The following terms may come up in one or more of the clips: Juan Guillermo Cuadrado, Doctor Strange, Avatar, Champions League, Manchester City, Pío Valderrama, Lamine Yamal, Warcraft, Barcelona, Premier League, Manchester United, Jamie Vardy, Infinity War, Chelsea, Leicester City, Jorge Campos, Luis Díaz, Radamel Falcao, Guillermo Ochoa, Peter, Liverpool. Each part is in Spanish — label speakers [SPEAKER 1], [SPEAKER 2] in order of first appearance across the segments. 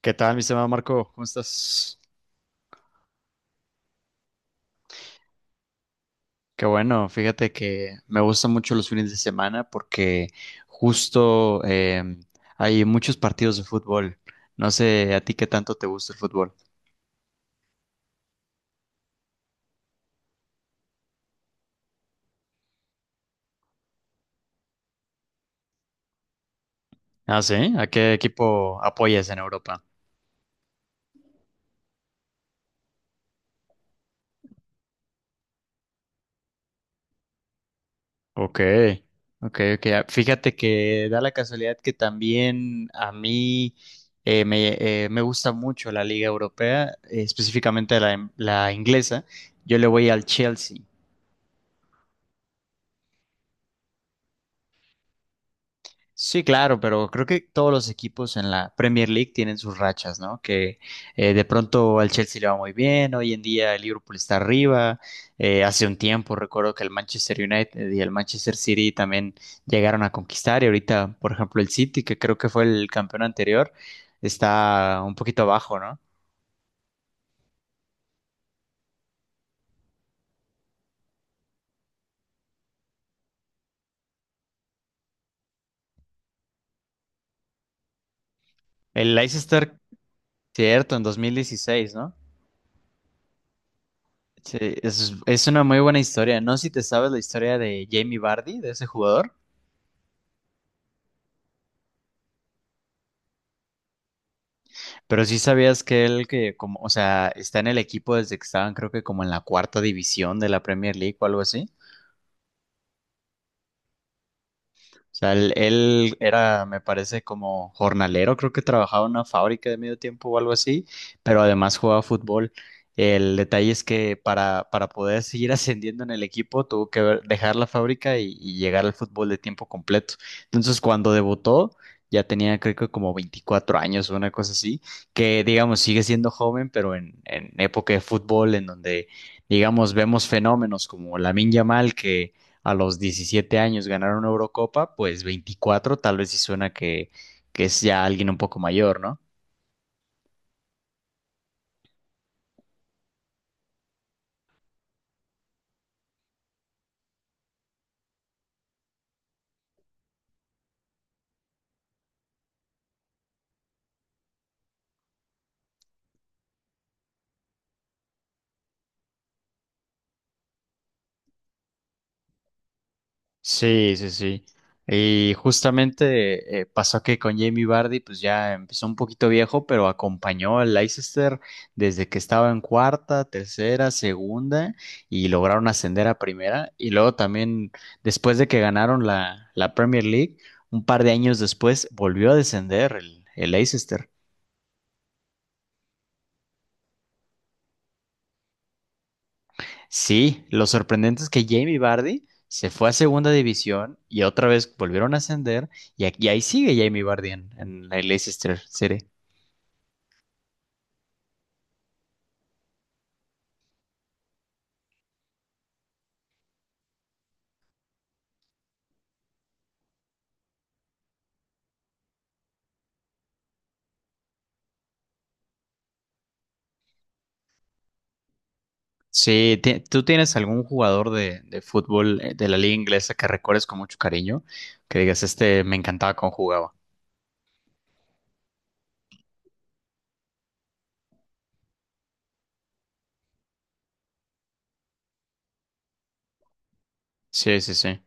[SPEAKER 1] ¿Qué tal, mi estimado Marco? ¿Cómo estás? Qué bueno, fíjate que me gustan mucho los fines de semana porque justo hay muchos partidos de fútbol. No sé a ti qué tanto te gusta el fútbol. Ah, sí, ¿a qué equipo apoyas en Europa? Ok, ok, ok. Ah, fíjate que da la casualidad que también a mí eh, me, me gusta mucho la Liga Europea, específicamente la inglesa. Yo le voy al Chelsea. Sí, claro, pero creo que todos los equipos en la Premier League tienen sus rachas, ¿no? Que de pronto al Chelsea le va muy bien, hoy en día el Liverpool está arriba, hace un tiempo recuerdo que el Manchester United y el Manchester City también llegaron a conquistar y ahorita, por ejemplo, el City, que creo que fue el campeón anterior, está un poquito abajo, ¿no? El Leicester, cierto, en 2016, ¿no? Sí, es una muy buena historia. No sé si te sabes la historia de Jamie Vardy, de ese jugador. Pero sí sabías que él que como, o sea, está en el equipo desde que estaban, creo que como en la cuarta división de la Premier League o algo así. O sea, él era, me parece, como jornalero, creo que trabajaba en una fábrica de medio tiempo o algo así, pero además jugaba fútbol. El detalle es que para poder seguir ascendiendo en el equipo tuvo que dejar la fábrica y llegar al fútbol de tiempo completo. Entonces, cuando debutó, ya tenía creo que como 24 años o una cosa así, que digamos sigue siendo joven, pero en época de fútbol, en donde digamos vemos fenómenos como Lamine Yamal, que a los 17 años ganar una Eurocopa, pues 24 tal vez sí suena que es ya alguien un poco mayor, ¿no? Sí, sí, sí. Y justamente pasó que con Jamie Vardy, pues ya empezó un poquito viejo, pero acompañó al Leicester desde que estaba en cuarta, tercera, segunda y lograron ascender a primera. Y luego también, después de que ganaron la Premier League, un par de años después volvió a descender el Leicester. Sí, lo sorprendente es que Jamie Vardy se fue a segunda división y otra vez volvieron a ascender y ahí sigue Jamie Vardy en el Leicester City. Sí, ¿tú tienes algún jugador de fútbol de la liga inglesa que recuerdes con mucho cariño? Que digas, este me encantaba cómo jugaba. Sí, sí, sí.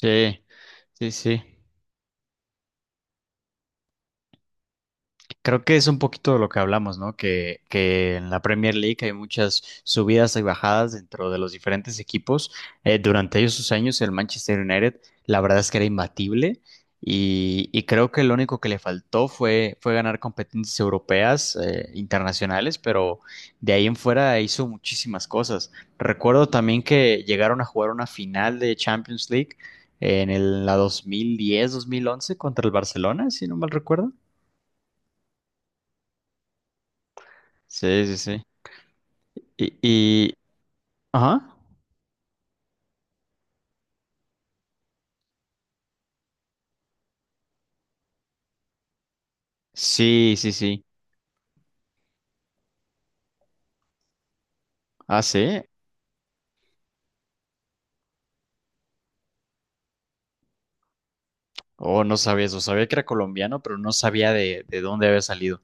[SPEAKER 1] Sí, sí, sí. Creo que es un poquito de lo que hablamos, ¿no? Que en la Premier League hay muchas subidas y bajadas dentro de los diferentes equipos. Durante esos años, el Manchester United, la verdad es que era imbatible y creo que lo único que le faltó fue ganar competencias europeas, internacionales, pero de ahí en fuera hizo muchísimas cosas. Recuerdo también que llegaron a jugar una final de Champions League en la 2010-2011 contra el Barcelona, si no mal recuerdo. Sí, sí, sí. Y, y- ajá. Sí, sí, sí. Ah, sí. Oh, no sabía eso. Sabía que era colombiano, pero no sabía de dónde había salido.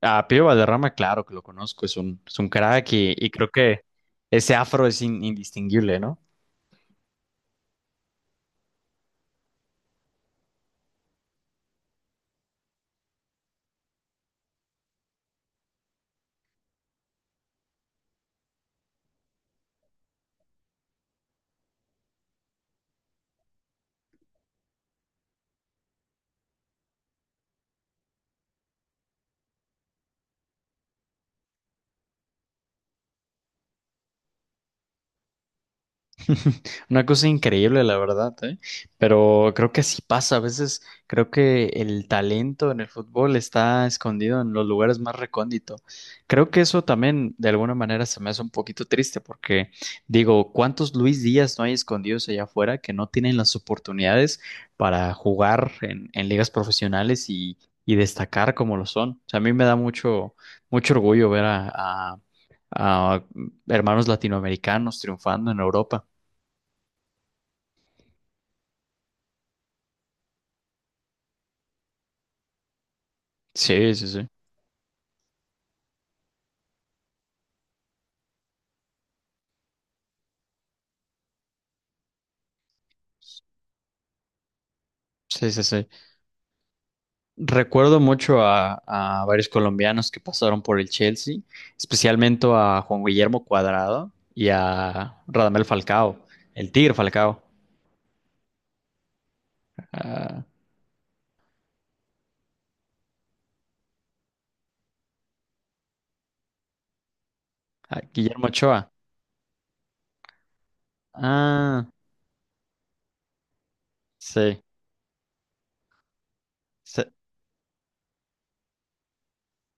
[SPEAKER 1] A Pío Valderrama, claro que lo conozco. Es un crack y creo que ese afro es indistinguible, ¿no? Una cosa increíble, la verdad, ¿eh? Pero creo que sí pasa. A veces creo que el talento en el fútbol está escondido en los lugares más recónditos. Creo que eso también de alguna manera se me hace un poquito triste porque digo, ¿cuántos Luis Díaz no hay escondidos allá afuera que no tienen las oportunidades para jugar en ligas profesionales y destacar como lo son? O sea, a mí me da mucho, mucho orgullo ver a a- a hermanos latinoamericanos triunfando en Europa. Sí, sí, sí. Sí, sí, sí. Recuerdo mucho a varios colombianos que pasaron por el Chelsea, especialmente a Juan Guillermo Cuadrado y a Radamel Falcao, el Tigre Falcao, a, a Guillermo Ochoa. Ah, sí. Se,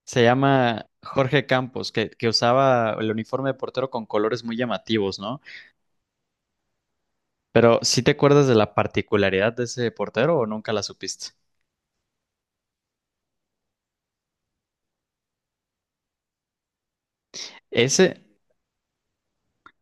[SPEAKER 1] se llama Jorge Campos, que usaba el uniforme de portero con colores muy llamativos, ¿no? Pero, ¿sí te acuerdas de la particularidad de ese portero o nunca la supiste? Ese,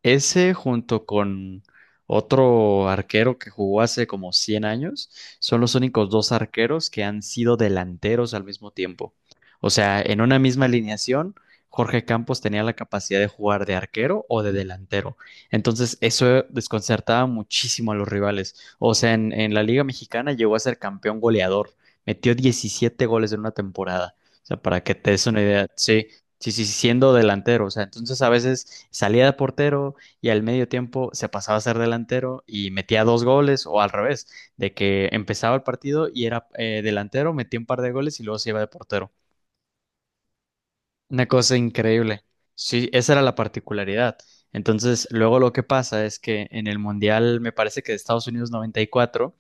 [SPEAKER 1] Ese junto con otro arquero que jugó hace como 100 años, son los únicos dos arqueros que han sido delanteros al mismo tiempo. O sea, en una misma alineación, Jorge Campos tenía la capacidad de jugar de arquero o de delantero. Entonces, eso desconcertaba muchísimo a los rivales. O sea, en la Liga Mexicana llegó a ser campeón goleador. Metió 17 goles en una temporada. O sea, para que te des una idea. Sí, sí, sí, siendo delantero. O sea, entonces a veces salía de portero, y al medio tiempo se pasaba a ser delantero y metía dos goles o al revés, de que empezaba el partido y era delantero, metía un par de goles y luego se iba de portero. Una cosa increíble. Sí, esa era la particularidad. Entonces, luego lo que pasa es que en el Mundial, me parece que de Estados Unidos 94,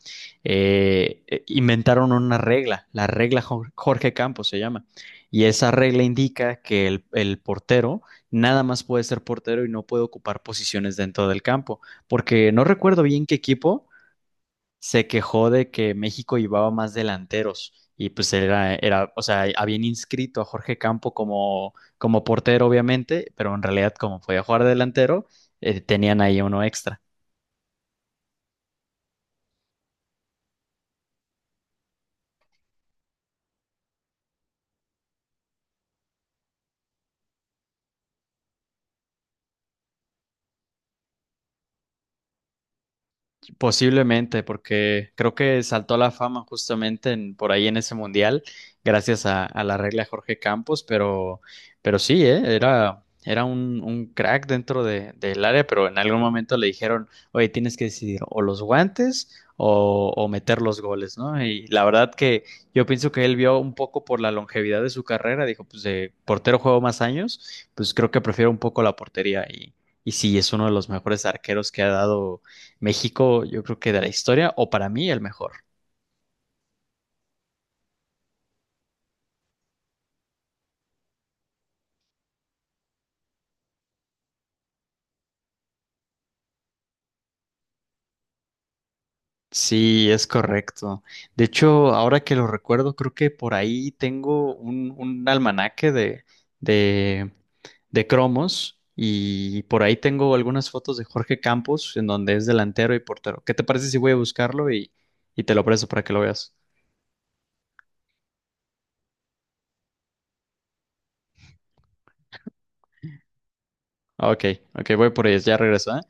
[SPEAKER 1] inventaron una regla, la regla Jorge Campos se llama. Y esa regla indica que el portero nada más puede ser portero y no puede ocupar posiciones dentro del campo. Porque no recuerdo bien qué equipo, se quejó de que México llevaba más delanteros y pues era, o sea, habían inscrito a Jorge Campo como portero, obviamente, pero en realidad como podía jugar de delantero, tenían ahí uno extra. Posiblemente, porque creo que saltó a la fama justamente por ahí en ese mundial, gracias a la regla de Jorge Campos, pero sí, ¿eh? Era un crack dentro del área, pero en algún momento le dijeron, oye, tienes que decidir o los guantes o meter los goles, ¿no? Y la verdad que yo pienso que él vio un poco por la longevidad de su carrera, dijo, pues de portero juego más años, pues creo que prefiero un poco la portería y sí, es uno de los mejores arqueros que ha dado México, yo creo que de la historia, o para mí el mejor. Sí, es correcto. De hecho, ahora que lo recuerdo, creo que por ahí tengo un almanaque de, de cromos y por ahí tengo algunas fotos de Jorge Campos en donde es delantero y portero. ¿Qué te parece si voy a buscarlo y te lo presto para que lo veas? Ok, ok, voy por ellas, ya regreso, ¿eh?